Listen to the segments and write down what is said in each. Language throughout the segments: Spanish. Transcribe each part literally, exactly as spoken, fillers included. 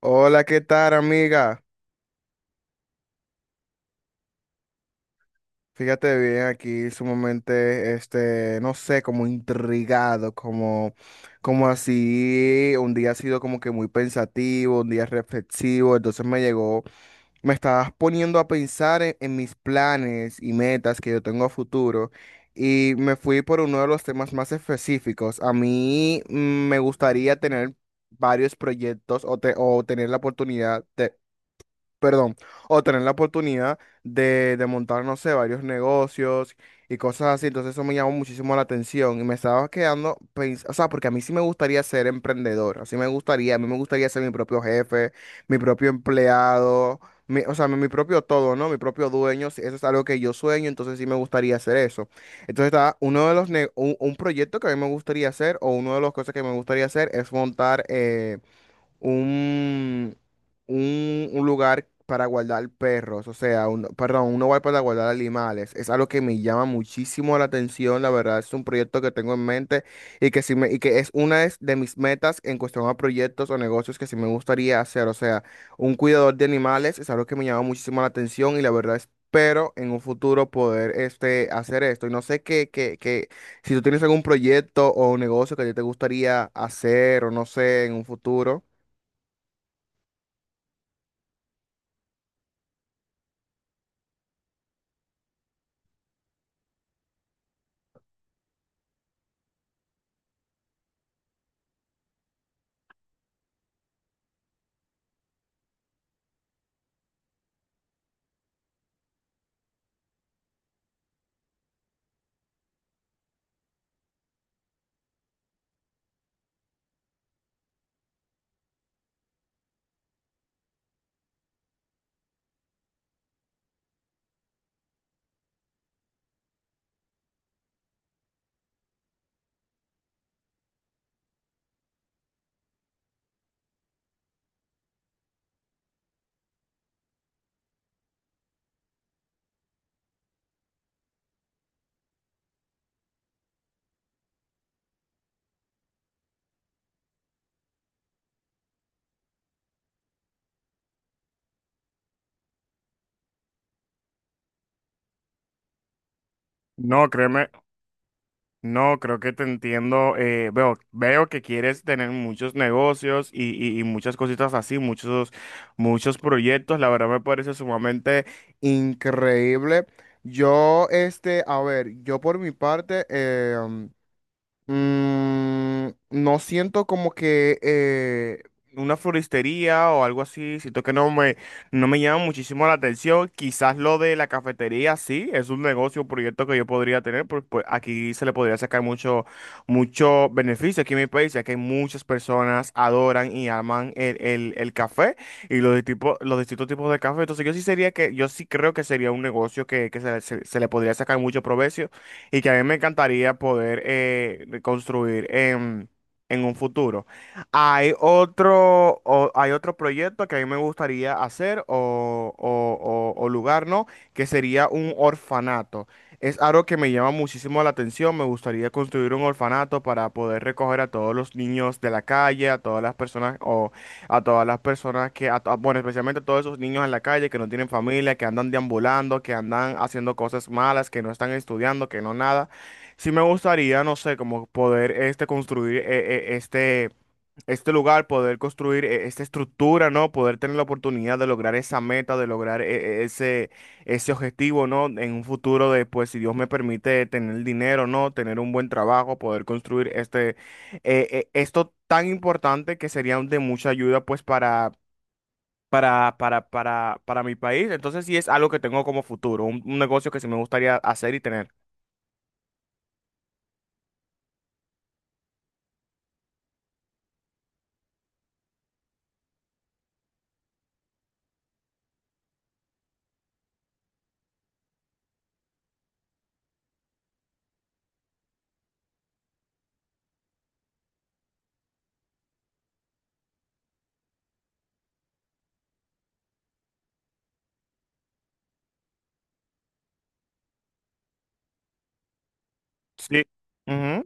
Hola, ¿qué tal, amiga? Fíjate bien, aquí sumamente, este, no sé, como intrigado, como, como así, un día ha sido como que muy pensativo, un día reflexivo, entonces me llegó, me estabas poniendo a pensar en, en mis planes y metas que yo tengo a futuro y me fui por uno de los temas más específicos. A mí mm, me gustaría tener varios proyectos o, te- o tener la oportunidad, perdón, o tener la oportunidad de, de montar, no sé, varios negocios y cosas así. Entonces eso me llamó muchísimo la atención y me estaba quedando, pens- o sea, porque a mí sí me gustaría ser emprendedor, así me gustaría, a mí me gustaría ser mi propio jefe, mi propio empleado, mi- o sea, mi, mi propio todo, ¿no? Mi propio dueño, sí, eso es algo que yo sueño, entonces sí me gustaría hacer eso. Entonces está uno de los, ne- un, un proyecto que a mí me gustaría hacer o una de las cosas que me gustaría hacer es montar, eh, un, un, un lugar para guardar perros, o sea, un, perdón, un hogar para guardar animales. Es algo que me llama muchísimo la atención, la verdad es un proyecto que tengo en mente y que, sí me, y que es una de de mis metas en cuestión a proyectos o negocios que sí me gustaría hacer, o sea, un cuidador de animales es algo que me llama muchísimo la atención y la verdad espero en un futuro poder este, hacer esto. Y no sé qué, qué, qué, si tú tienes algún proyecto o negocio que a ti te gustaría hacer o no sé en un futuro. No, créeme, no, creo que te entiendo. eh, veo, veo que quieres tener muchos negocios y, y- y muchas cositas así, muchos, muchos proyectos. La verdad me parece sumamente increíble. Yo, este, a ver, yo por mi parte, em, Mm, no siento como que eh, una floristería o algo así, siento que no me, no me llama muchísimo la atención. Quizás lo de la cafetería sí, es un negocio, un proyecto que yo podría tener, pues, pues aquí se le podría sacar mucho, mucho beneficio aquí en mi país, ya que muchas personas adoran y aman el, el, el café y los, de tipo, los distintos tipos de café. Entonces yo sí sería que, yo sí creo que sería un negocio que, que se, se se le podría sacar mucho provecho y que a mí me encantaría poder eh, reconstruir en, en un futuro. Hay otro, o- hay otro proyecto que a mí me gustaría hacer o, o- o- o lugar, ¿no? Que sería un orfanato. Es algo que me llama muchísimo la atención. Me gustaría construir un orfanato para poder recoger a todos los niños de la calle, a todas las personas o a todas las personas que, a to- bueno, especialmente a todos esos niños en la calle que no tienen familia, que andan deambulando, que andan haciendo cosas malas, que no están estudiando, que no nada. Sí me gustaría, no sé, como poder este construir eh, eh, este este lugar, poder construir eh, esta estructura, ¿no? Poder tener la oportunidad de lograr esa meta, de lograr eh, eh, ese, ese objetivo, ¿no? En un futuro de, pues, si Dios me permite tener dinero, ¿no? Tener un buen trabajo, poder construir este, eh, eh, esto tan importante que sería de mucha ayuda, pues, para... Para, para, para, para mi país. Entonces sí es algo que tengo como futuro, un, un negocio que sí me gustaría hacer y tener. Sí. Ujú.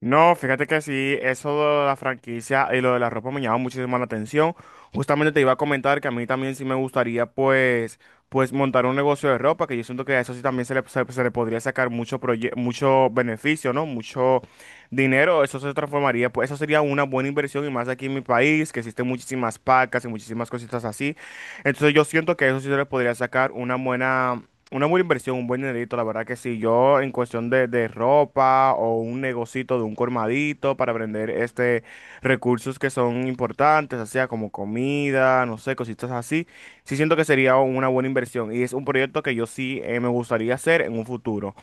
No, fíjate que sí, eso de la franquicia y lo de la ropa me llama muchísimo la atención. Justamente te iba a comentar que a mí también sí me gustaría pues, pues montar un negocio de ropa, que yo siento que a eso sí también se le, se, se le podría sacar mucho, proye- mucho beneficio, ¿no? Mucho dinero, eso se transformaría, pues eso sería una buena inversión y más aquí en mi país, que existen muchísimas pacas y muchísimas cositas así. Entonces yo siento que eso sí se le podría sacar una buena una buena inversión, un buen dinerito, la verdad que sí. Yo en cuestión de, de ropa o un negocito de un colmadito para vender este recursos que son importantes, así como comida, no sé, cositas así, sí siento que sería una buena inversión y es un proyecto que yo sí eh, me gustaría hacer en un futuro.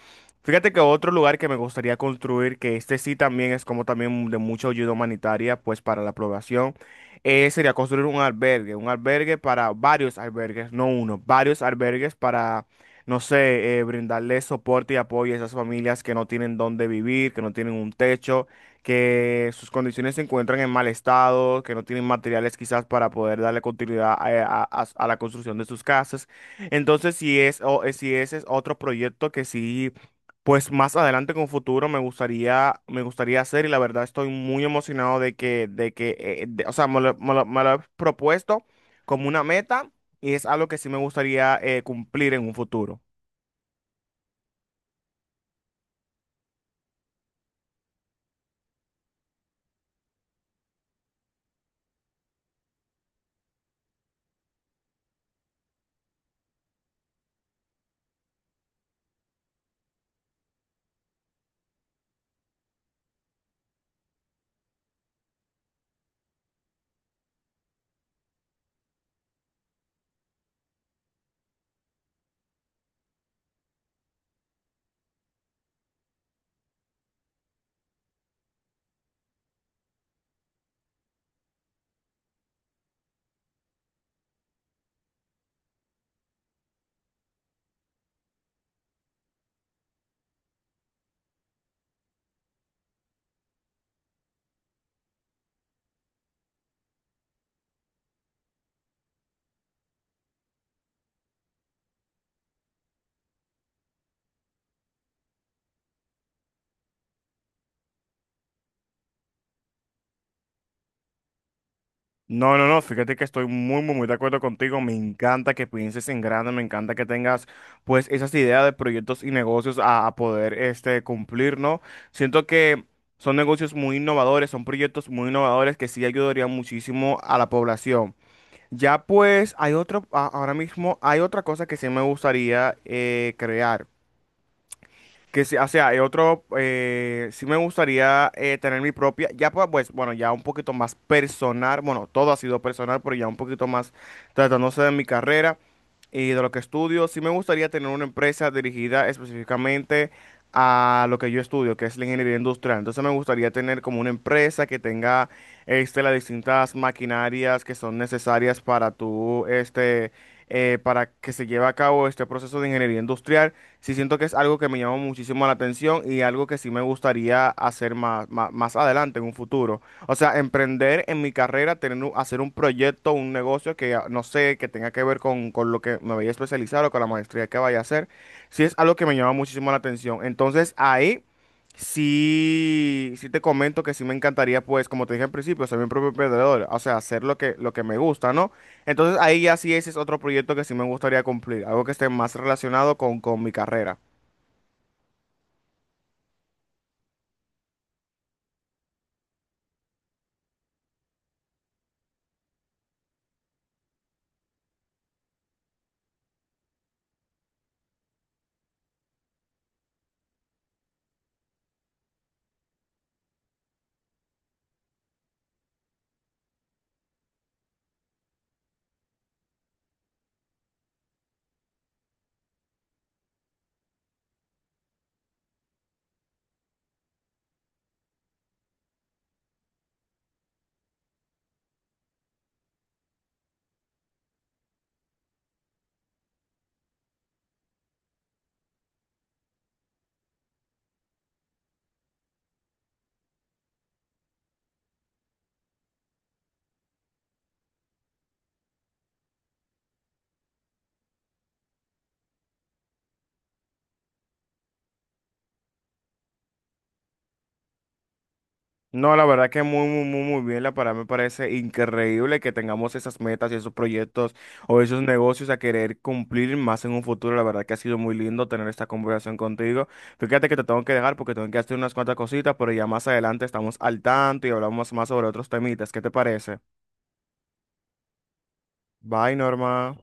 Fíjate que otro lugar que me gustaría construir, que este sí también es como también de mucha ayuda humanitaria, pues para la población, eh, sería construir un albergue, un albergue para varios albergues, no uno, varios albergues para no sé, eh, brindarle soporte y apoyo a esas familias que no tienen dónde vivir, que no tienen un techo, que sus condiciones se encuentran en mal estado, que no tienen materiales quizás para poder darle continuidad a, eh, a- a- a la construcción de sus casas. Entonces, si es, o, eh, si ese es otro proyecto que sí, pues más adelante con futuro me gustaría, me gustaría hacer y la verdad estoy muy emocionado de que, de que, eh, eh, de- o sea, me lo, me lo- me lo he propuesto como una meta y es algo que sí me gustaría eh, cumplir en un futuro. No, no, no, fíjate que estoy muy, muy, muy de acuerdo contigo. Me encanta que pienses en grande, me encanta que tengas pues esas ideas de proyectos y negocios a, a poder este, cumplir, ¿no? Siento que son negocios muy innovadores, son proyectos muy innovadores que sí ayudarían muchísimo a la población. Ya pues hay otro, a- ahora mismo hay otra cosa que sí me gustaría eh, crear. Que sí, o sea, hay otro, eh, sí me gustaría eh, tener mi propia, ya pa- pues, bueno, ya un poquito más personal, bueno, todo ha sido personal, pero ya un poquito más tratándose de mi carrera y de lo que estudio, sí me gustaría tener una empresa dirigida específicamente a lo que yo estudio, que es la ingeniería industrial. Entonces me gustaría tener como una empresa que tenga, este, las distintas maquinarias que son necesarias para tu, este, eh, para que se lleve a cabo este proceso de ingeniería industrial, sí siento que es algo que me llama muchísimo la atención y algo que sí me gustaría hacer más, más, más adelante en un futuro. O sea, emprender en mi carrera, tener, un- hacer un proyecto, un negocio que ah, no sé, que tenga que ver con, con lo que me vaya a especializar o con la maestría que vaya a hacer, sí es algo que me llama muchísimo la atención. Entonces ahí sí, sí te comento que sí me encantaría, pues, como te dije al principio, ser mi propio emprendedor, o sea, hacer lo que, lo que me gusta, ¿no? Entonces ahí ya sí ese es otro proyecto que sí me gustaría cumplir, algo que esté más relacionado con, con mi carrera. No, la verdad que muy, muy, muy, muy bien. La verdad me parece increíble que tengamos esas metas y esos proyectos o esos negocios a querer cumplir más en un futuro. La verdad que ha sido muy lindo tener esta conversación contigo. Fíjate que te tengo que dejar porque tengo que hacer unas cuantas cositas, pero ya más adelante estamos al tanto y hablamos más sobre otros temitas. ¿Qué te parece? Bye, Norma.